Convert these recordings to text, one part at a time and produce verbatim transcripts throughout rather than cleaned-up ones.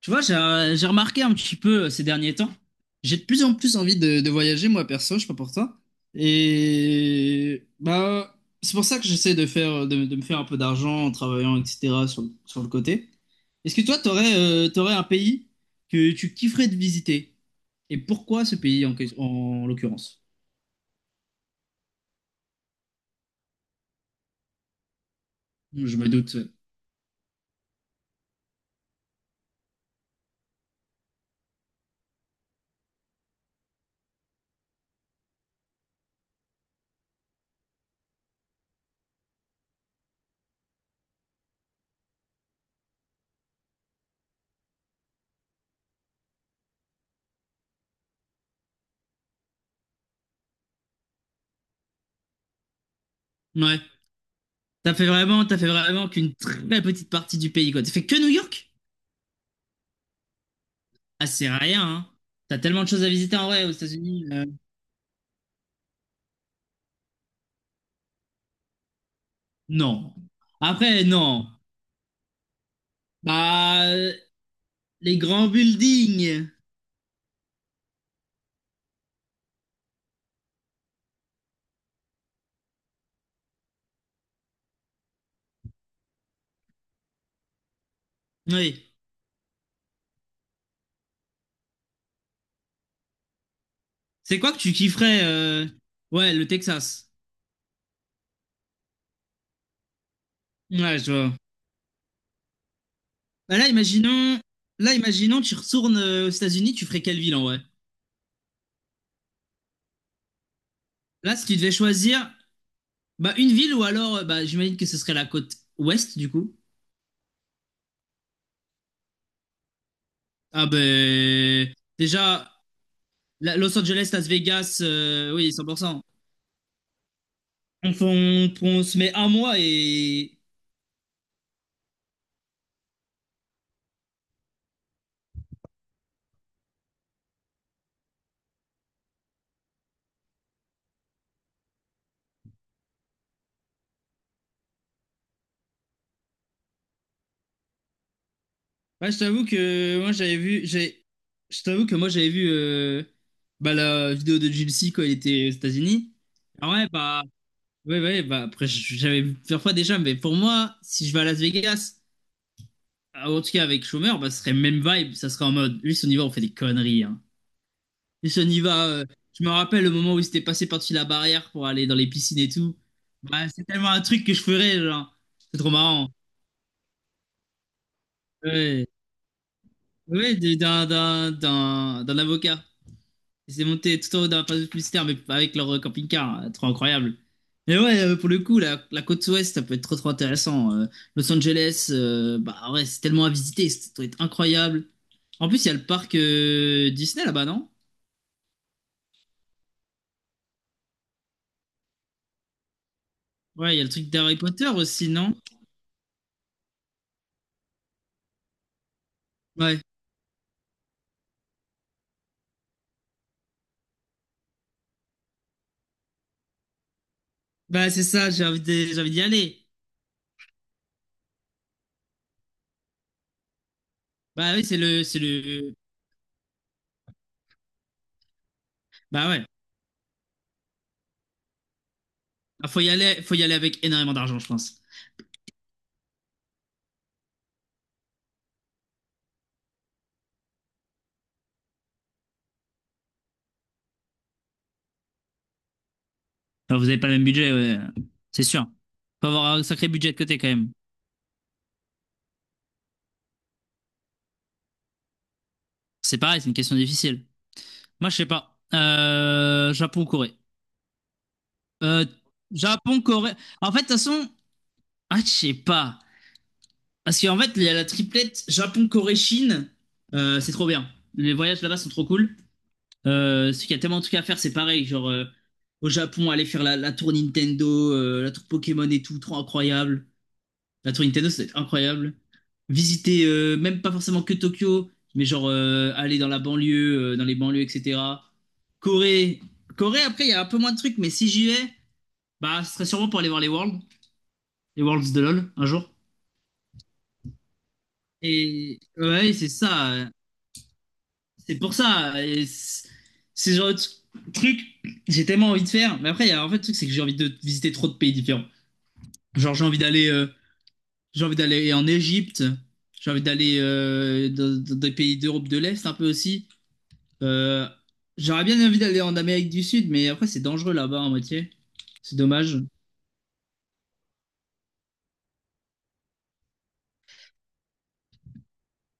Tu vois, j'ai euh, j'ai remarqué un petit peu euh, ces derniers temps. J'ai de plus en plus envie de, de voyager, moi perso, je sais pas pour toi. Et bah, c'est pour ça que j'essaie de faire, de, de me faire un peu d'argent en travaillant, et cetera, sur, le- sur le côté. Est-ce que toi, t'aurais, euh, t'aurais un pays que tu kifferais de visiter? Et pourquoi ce pays en, que- en l'occurrence? Je me doute. Ouais. T'as fait vraiment, t'as fait vraiment qu'une très petite partie du pays, quoi. T'as fait que New York? Ah, c'est rien, hein. T'as tellement de choses à visiter en vrai aux États-Unis. euh, Non. Après, non. Bah, les grands buildings. Oui. C'est quoi que tu kifferais euh, Ouais, le Texas. Ouais, je vois. Bah là, imaginons... Là, imaginons, tu retournes euh, aux États-Unis, tu ferais quelle ville en vrai? Là, si tu devais choisir, bah une ville ou alors, euh, bah j'imagine que ce serait la côte ouest du coup. Ah ben... Déjà, la- Los Angeles, Las Vegas, euh, oui, cent pour cent. On, on- on se met un mois et... Ouais, je t'avoue que moi j'avais vu, j'ai, je t'avoue que moi j'avais vu euh, bah, la vidéo de Gilles C quand il était aux États-Unis. Ah ouais, bah, ouais, ouais, bah après j'avais vu plusieurs fois déjà, mais pour moi, si je vais à Las Vegas, ah, en tout cas avec Schumer, bah ce serait même vibe, ça serait en mode, lui, si on y va, on fait des conneries, hein. Lui, si on y va, euh, je me rappelle le moment où il s'était passé par-dessus la barrière pour aller dans les piscines et tout. Bah, c'est tellement un truc que je ferais, genre, c'est trop marrant. Ouais, ouais, d'un, d'un, d'un, d'un avocat. Ils s'est montés tout en haut dans la passe publicitaire, mais avec leur euh, camping-car. euh, Trop incroyable. Mais ouais, euh, pour le coup, la, la côte ouest, ça peut être trop trop intéressant. Euh, Los Angeles, euh, bah ouais, c'est tellement à visiter, ça doit être incroyable. En plus, il y a le parc euh, Disney là-bas, non? Ouais, il y a le truc d'Harry Potter aussi, non? Ouais. Bah c'est ça, j'ai envie de- j'ai envie d'y aller. Bah oui, c'est le, c'est le. Bah ouais. Ah, faut y aller, faut y aller avec énormément d'argent, je pense. Enfin, vous avez pas le même budget, ouais. C'est sûr. Faut avoir un sacré budget de côté quand même. C'est pareil, c'est une question difficile. Moi, je sais pas. Euh, Japon, Corée. Euh, Japon, Corée. En fait, de toute façon, ah, je sais pas. Parce qu'en fait, il y a la triplette Japon, Corée, Chine. Euh, c'est trop bien. Les voyages là-bas sont trop cool. Euh, parce qu'il y a tellement de trucs à faire, c'est pareil. Genre, euh, au Japon, aller faire la, la tour Nintendo, euh, la tour Pokémon et tout, trop incroyable. La tour Nintendo, ça doit être incroyable. Visiter, euh, même pas forcément que Tokyo, mais genre euh, aller dans la banlieue, euh, dans les banlieues, et cetera. Corée. Corée, après, il y a un peu moins de trucs, mais si j'y vais, bah, ce serait sûrement pour aller voir les Worlds, les Worlds de LoL, un jour. Et ouais, c'est ça. C'est pour ça. Et c'est c'est le genre de tr- truc, j'ai tellement envie de faire. Mais après, il y a en fait, le truc, c'est que j'ai envie de visiter trop de pays différents. Genre, j'ai envie d'aller. euh, J'ai envie d'aller en Égypte. J'ai envie d'aller euh, dans, dans des pays d'Europe de l'Est un peu aussi. Euh, J'aurais bien envie d'aller en Amérique du Sud, mais après c'est dangereux là-bas en moitié. C'est dommage.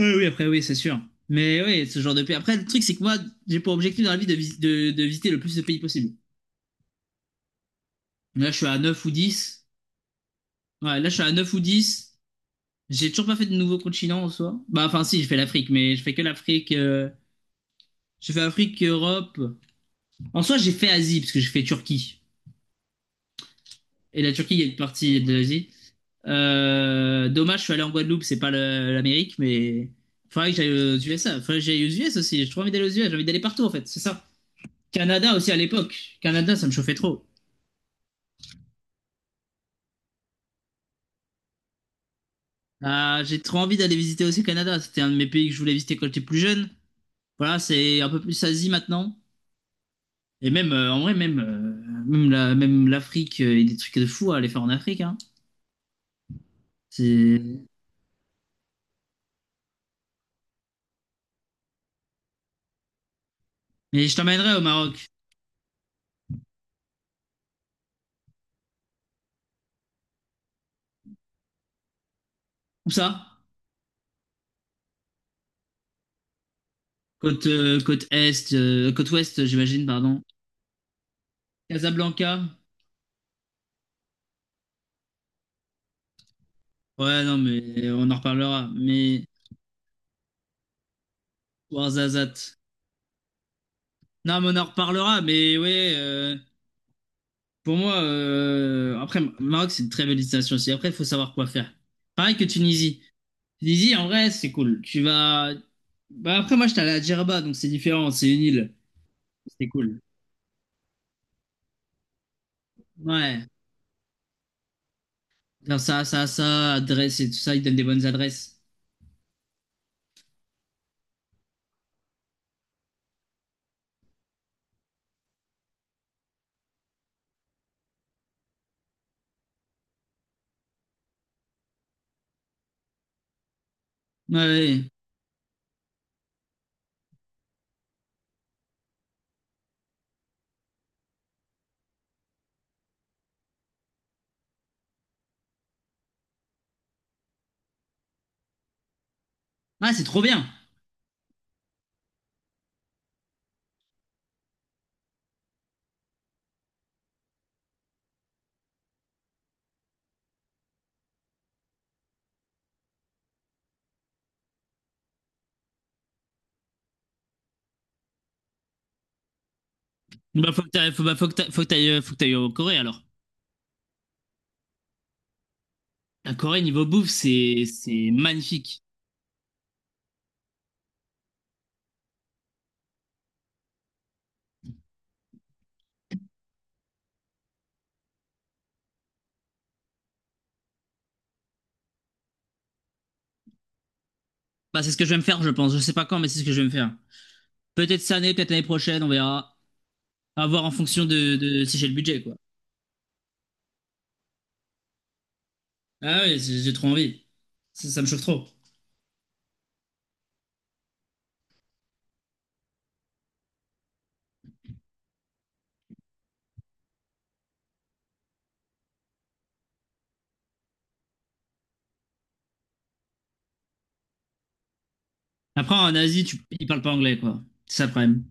Oui, oui, après oui, c'est sûr. Mais oui, ce genre de pays. Après, le truc, c'est que moi, j'ai pour objectif dans la vie de, vis- de, de visiter le plus de pays possible. Là, je suis à neuf ou dix. Ouais, là, je suis à neuf ou dix. J'ai toujours pas fait de nouveau continent en soi. Bah, enfin, si, j'ai fait l'Afrique, mais je fais que l'Afrique. euh, J'ai fait Afrique, Europe. En soi, j'ai fait Asie, parce que j'ai fait Turquie. Et la Turquie, il y a une partie de l'Asie. Euh, dommage, je suis allé en Guadeloupe, c'est pas le- l'Amérique, mais faudrait que j'aille aux U S A. Faudrait que j'aille aux U S aussi. J'ai trop envie d'aller aux U S, j'ai envie d'aller partout en fait, c'est ça. Canada aussi à l'époque. Canada, ça me chauffait trop. Ah, j'ai trop envie d'aller visiter aussi le Canada. C'était un de mes pays que je voulais visiter quand j'étais plus jeune. Voilà, c'est un peu plus Asie maintenant. Et même, euh, en vrai, même, euh, même, la- même l'Afrique, euh, il y a des trucs de fou à aller faire en Afrique. Hein. C'est- Mais je t'emmènerai au Maroc. Où ça? Côte, euh, côte est, euh, côte ouest, j'imagine, pardon. Casablanca. Ouais, non, mais on en reparlera. Mais Ouarzazate. Non, mais on en reparlera. Mais ouais, euh, pour moi, euh, après, Maroc, c'est une très belle destination aussi. Après, il faut savoir quoi faire. Pareil que Tunisie. Tunisie, en vrai, c'est cool. Tu vas. Bah, après, moi, j'étais allé à Djerba, donc c'est différent. C'est une île. C'est cool. Ouais. Faire ça, ça, ça, adresse et tout ça, ils donnent des bonnes adresses. Ouais. Ouais. Ah, c'est trop bien. Bah, faut que t'ailles, faut, bah, faut que t'ailles, faut que t'ailles, euh, faut que t'ailles en Corée alors. La Corée niveau bouffe, c'est, c'est magnifique. Bah, c'est ce que je vais me faire, je pense. Je sais pas quand, mais c'est ce que je vais me faire. Peut-être cette année, peut-être l'année prochaine, on verra. À voir en fonction de, de si j'ai le budget, quoi. Ah oui, j'ai j'ai trop envie. Ça, ça me chauffe trop. Après, en Asie, tu, ils parlent pas anglais, quoi. C'est ça le problème.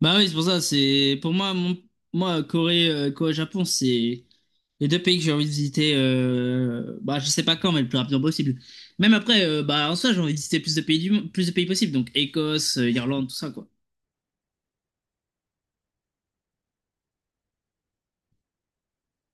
Bah oui, c'est pour ça, c'est pour moi, mon- moi Corée, euh, Corée-Japon, c'est les deux pays que j'ai envie de visiter. euh, Bah, je sais pas quand, mais le plus rapidement possible. Même après, euh, bah en soi, j'ai envie de visiter plus de pays du... mo- plus de pays possible, donc Écosse, euh, Irlande, tout ça, quoi.